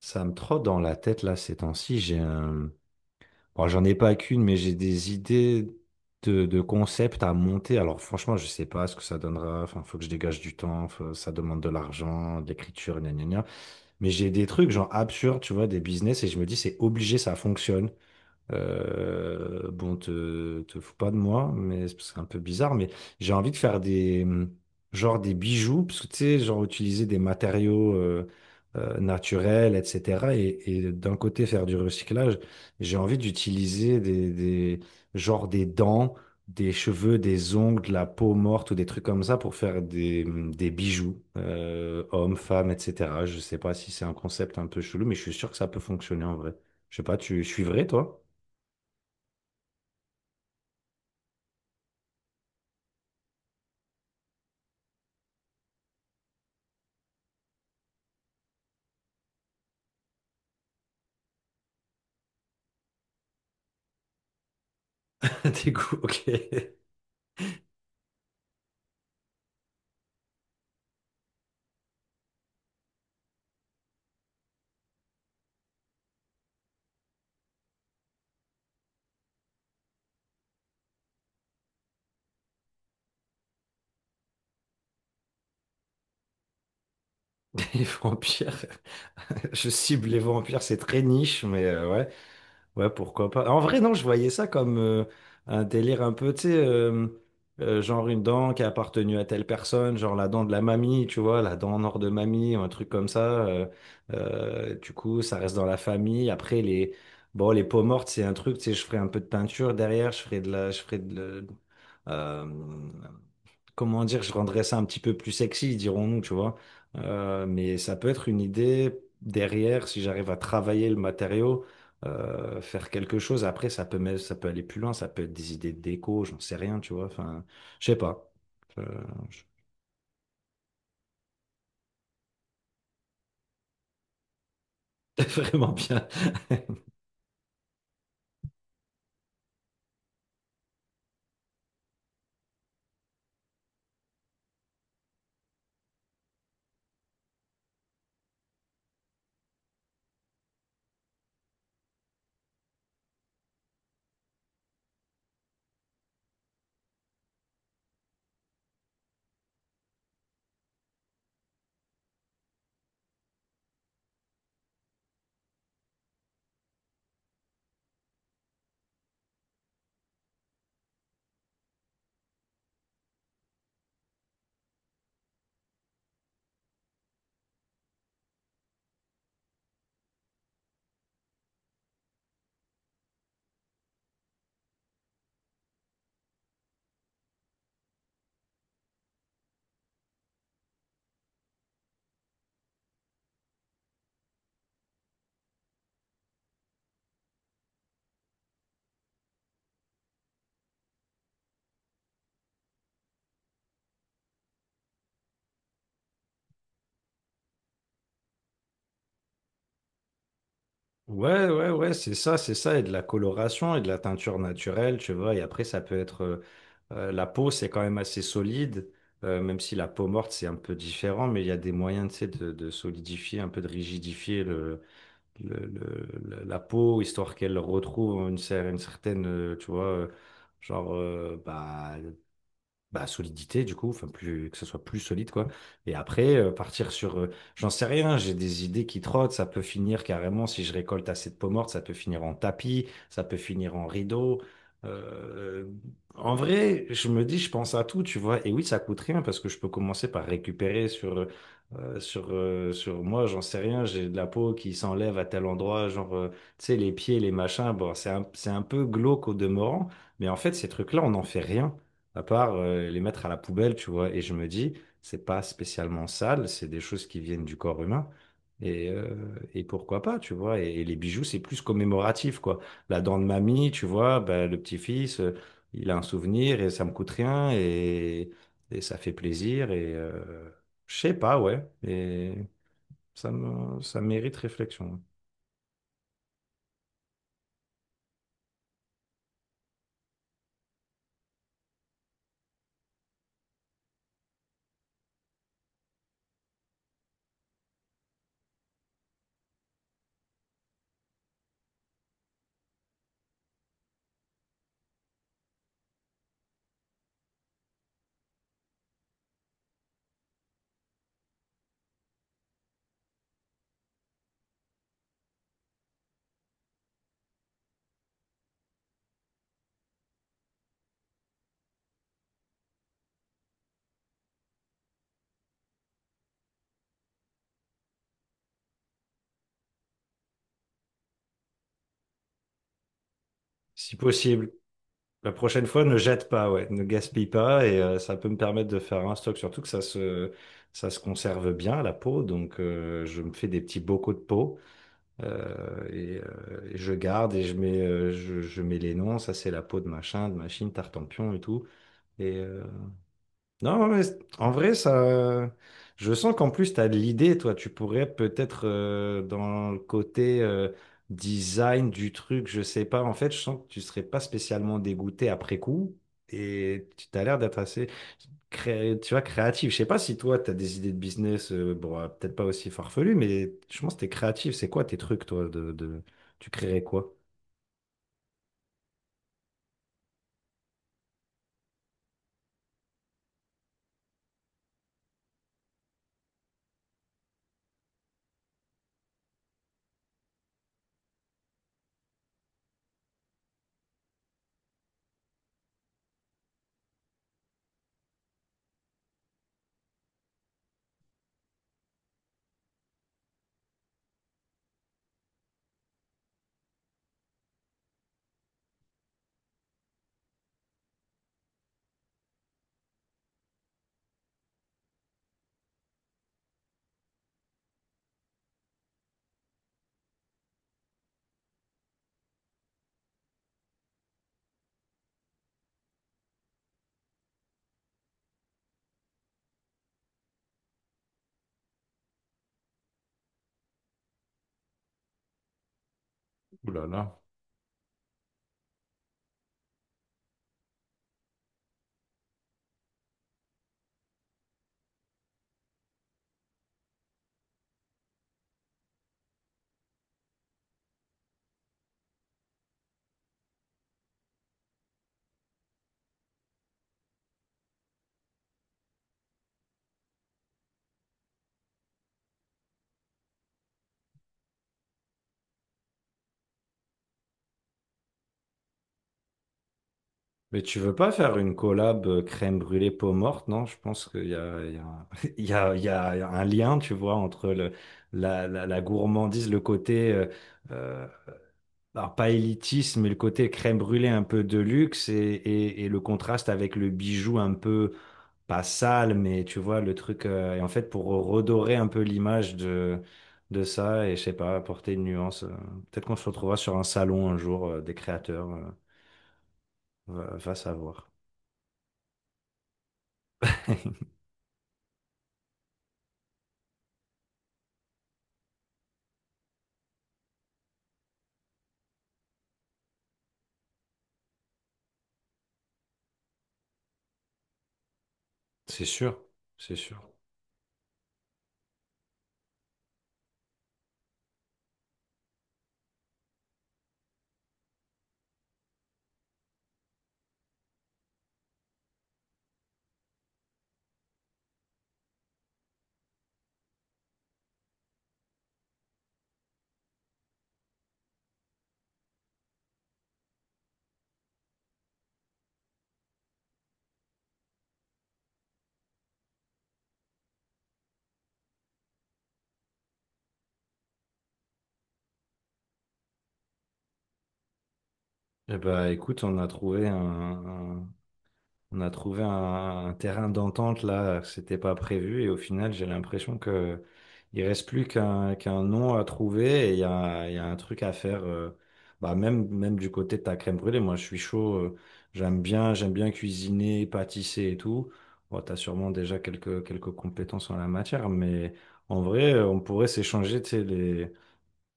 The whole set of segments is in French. Ça me trotte dans la tête là ces temps-ci. J'ai un... bon, j'en ai pas qu'une, mais j'ai des idées de concepts à monter. Alors franchement, je sais pas ce que ça donnera. Enfin, faut que je dégage du temps. Ça demande de l'argent, de l'écriture, gna gna gna. Mais j'ai des trucs genre absurdes, tu vois, des business et je me dis c'est obligé, ça fonctionne. Bon, te fous pas de moi, mais c'est parce que c'est un peu bizarre, mais j'ai envie de faire genre des bijoux, parce que tu sais, genre utiliser des matériaux naturels, etc. Et d'un côté faire du recyclage, j'ai envie d'utiliser genre des dents, des cheveux, des ongles, de la peau morte ou des trucs comme ça pour faire des bijoux, hommes, femmes, etc. Je sais pas si c'est un concept un peu chelou, mais je suis sûr que ça peut fonctionner en vrai. Je sais pas, tu suivrais, toi? Des goûts, ok. Les vampires. Je cible les vampires, c'est très niche, mais ouais, ouais, pourquoi pas. En vrai, non, je voyais ça comme un délire un peu, tu sais, genre une dent qui a appartenu à telle personne, genre la dent de la mamie, tu vois, la dent en or de mamie, ou un truc comme ça. Du coup, ça reste dans la famille. Après, les, bon, les peaux mortes, c'est un truc, tu sais, je ferai un peu de peinture derrière, je ferai de la, je ferai de, la- euh, comment dire, je rendrais ça un petit peu plus sexy, dirons-nous, tu vois. Mais ça peut être une idée derrière, si j'arrive à travailler le matériau, faire quelque chose. Après, ça peut, ça peut aller plus loin, ça peut être des idées de déco, j'en sais rien, tu vois. Enfin, je sais pas. Euh, je- Vraiment bien. Ouais, c'est ça, et de la coloration et de la teinture naturelle, tu vois, et après ça peut être, la peau c'est quand même assez solide, même si la peau morte c'est un peu différent, mais il y a des moyens, tu sais, de solidifier, un peu de rigidifier le, la peau, histoire qu'elle retrouve une, une certaine, genre, euh, bah, solidité du coup, enfin plus que ce soit plus solide quoi. Et après partir sur, j'en sais rien, j'ai des idées qui trottent, ça peut finir carrément si je récolte assez de peaux mortes, ça peut finir en tapis, ça peut finir en rideau. Euh, en vrai, je me dis, je pense à tout, tu vois. Et oui, ça coûte rien parce que je peux commencer par récupérer sur sur moi, j'en sais rien, j'ai de la peau qui s'enlève à tel endroit, genre tu sais les pieds, les machins. Bon, c'est un peu glauque au demeurant, mais en fait ces trucs-là, on n'en fait rien à part les mettre à la poubelle, tu vois. Et je me dis, c'est pas spécialement sale, c'est des choses qui viennent du corps humain. Et pourquoi pas, tu vois. Et les bijoux, c'est plus commémoratif, quoi. La dent de mamie, tu vois, bah, le petit-fils, il a un souvenir et ça me coûte rien et ça fait plaisir. Et je sais pas, ouais. Et ça mérite réflexion, si possible. La prochaine fois, ne jette pas, ouais, ne gaspille pas et ça peut me permettre de faire un stock, surtout que ça se conserve bien la peau, donc je me fais des petits bocaux de peau et je garde et je mets, je mets les noms, ça c'est la peau de machin, de machine, tartempion et tout, et, euh, non, mais en vrai, ça. Je sens qu'en plus, tu as de l'idée, toi. Tu pourrais peut-être, dans le côté design du truc, je sais pas. En fait, je sens que tu serais pas spécialement dégoûté après coup. Et tu as l'air d'être assez tu vois, créatif. Je sais pas si toi, tu as des idées de business, peut-être pas aussi farfelues, mais je pense que tu es créatif. C'est quoi tes trucs, toi, Tu créerais quoi? Ouh là là. Mais tu veux pas faire une collab crème brûlée peau morte, non? Je pense qu'il y a, il y a un lien, tu vois, entre le, la gourmandise, le côté, euh, alors pas élitisme, mais le côté crème brûlée un peu de luxe et le contraste avec le bijou un peu, pas sale, mais tu vois, le truc. Et en fait, pour redorer un peu l'image de ça et je sais pas, apporter une nuance. Peut-être qu'on se retrouvera sur un salon un jour, des créateurs, va savoir. C'est sûr, c'est sûr. Eh ben, écoute, un- on a trouvé un terrain d'entente là, c'était pas prévu et au final, j'ai l'impression que il reste plus qu'un nom à trouver et il y a un truc à faire. Bah même du côté de ta crème brûlée, moi je suis chaud. J'aime bien cuisiner, pâtisser et tout. Bon, t'as sûrement déjà quelques compétences en la matière, mais en vrai, on pourrait s'échanger, tu sais, les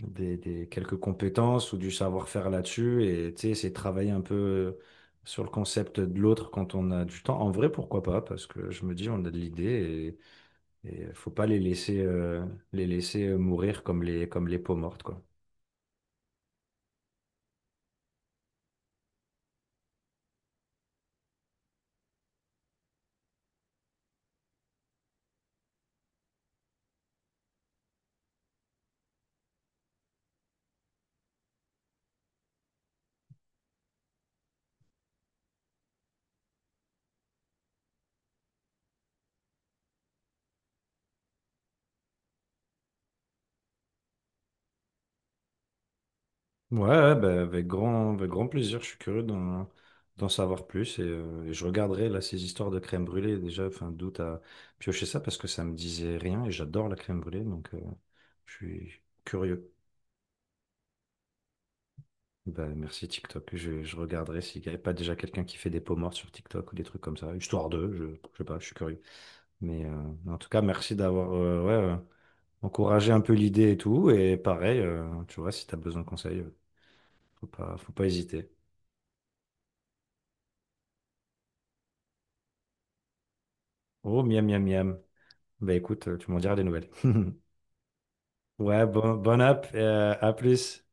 des, des- quelques compétences ou du savoir-faire là-dessus et tu sais, c'est travailler un peu sur le concept de l'autre quand on a du temps. En vrai, pourquoi pas? Parce que je me dis, on a de l'idée et faut pas les laisser, mourir comme comme les peaux mortes, quoi. Ouais, ouais, bah, avec avec grand plaisir. Je suis curieux d'en savoir plus et je regarderai là ces histoires de crème brûlée déjà. Enfin, d'où t'as pioché ça parce que ça me disait rien et j'adore la crème brûlée donc je suis curieux. Ben, merci TikTok. Je regarderai s'il n'y avait pas déjà quelqu'un qui fait des peaux mortes sur TikTok ou des trucs comme ça, histoire de, je sais pas, je suis curieux. Mais euh, en tout cas, merci d'avoir ouais, encouragé un peu l'idée et tout. Et pareil, tu vois, si tu as besoin de conseils, faut pas hésiter. Oh, miam, miam, miam. Ben écoute, tu m'en diras des nouvelles. Ouais, bon, bon app, à plus.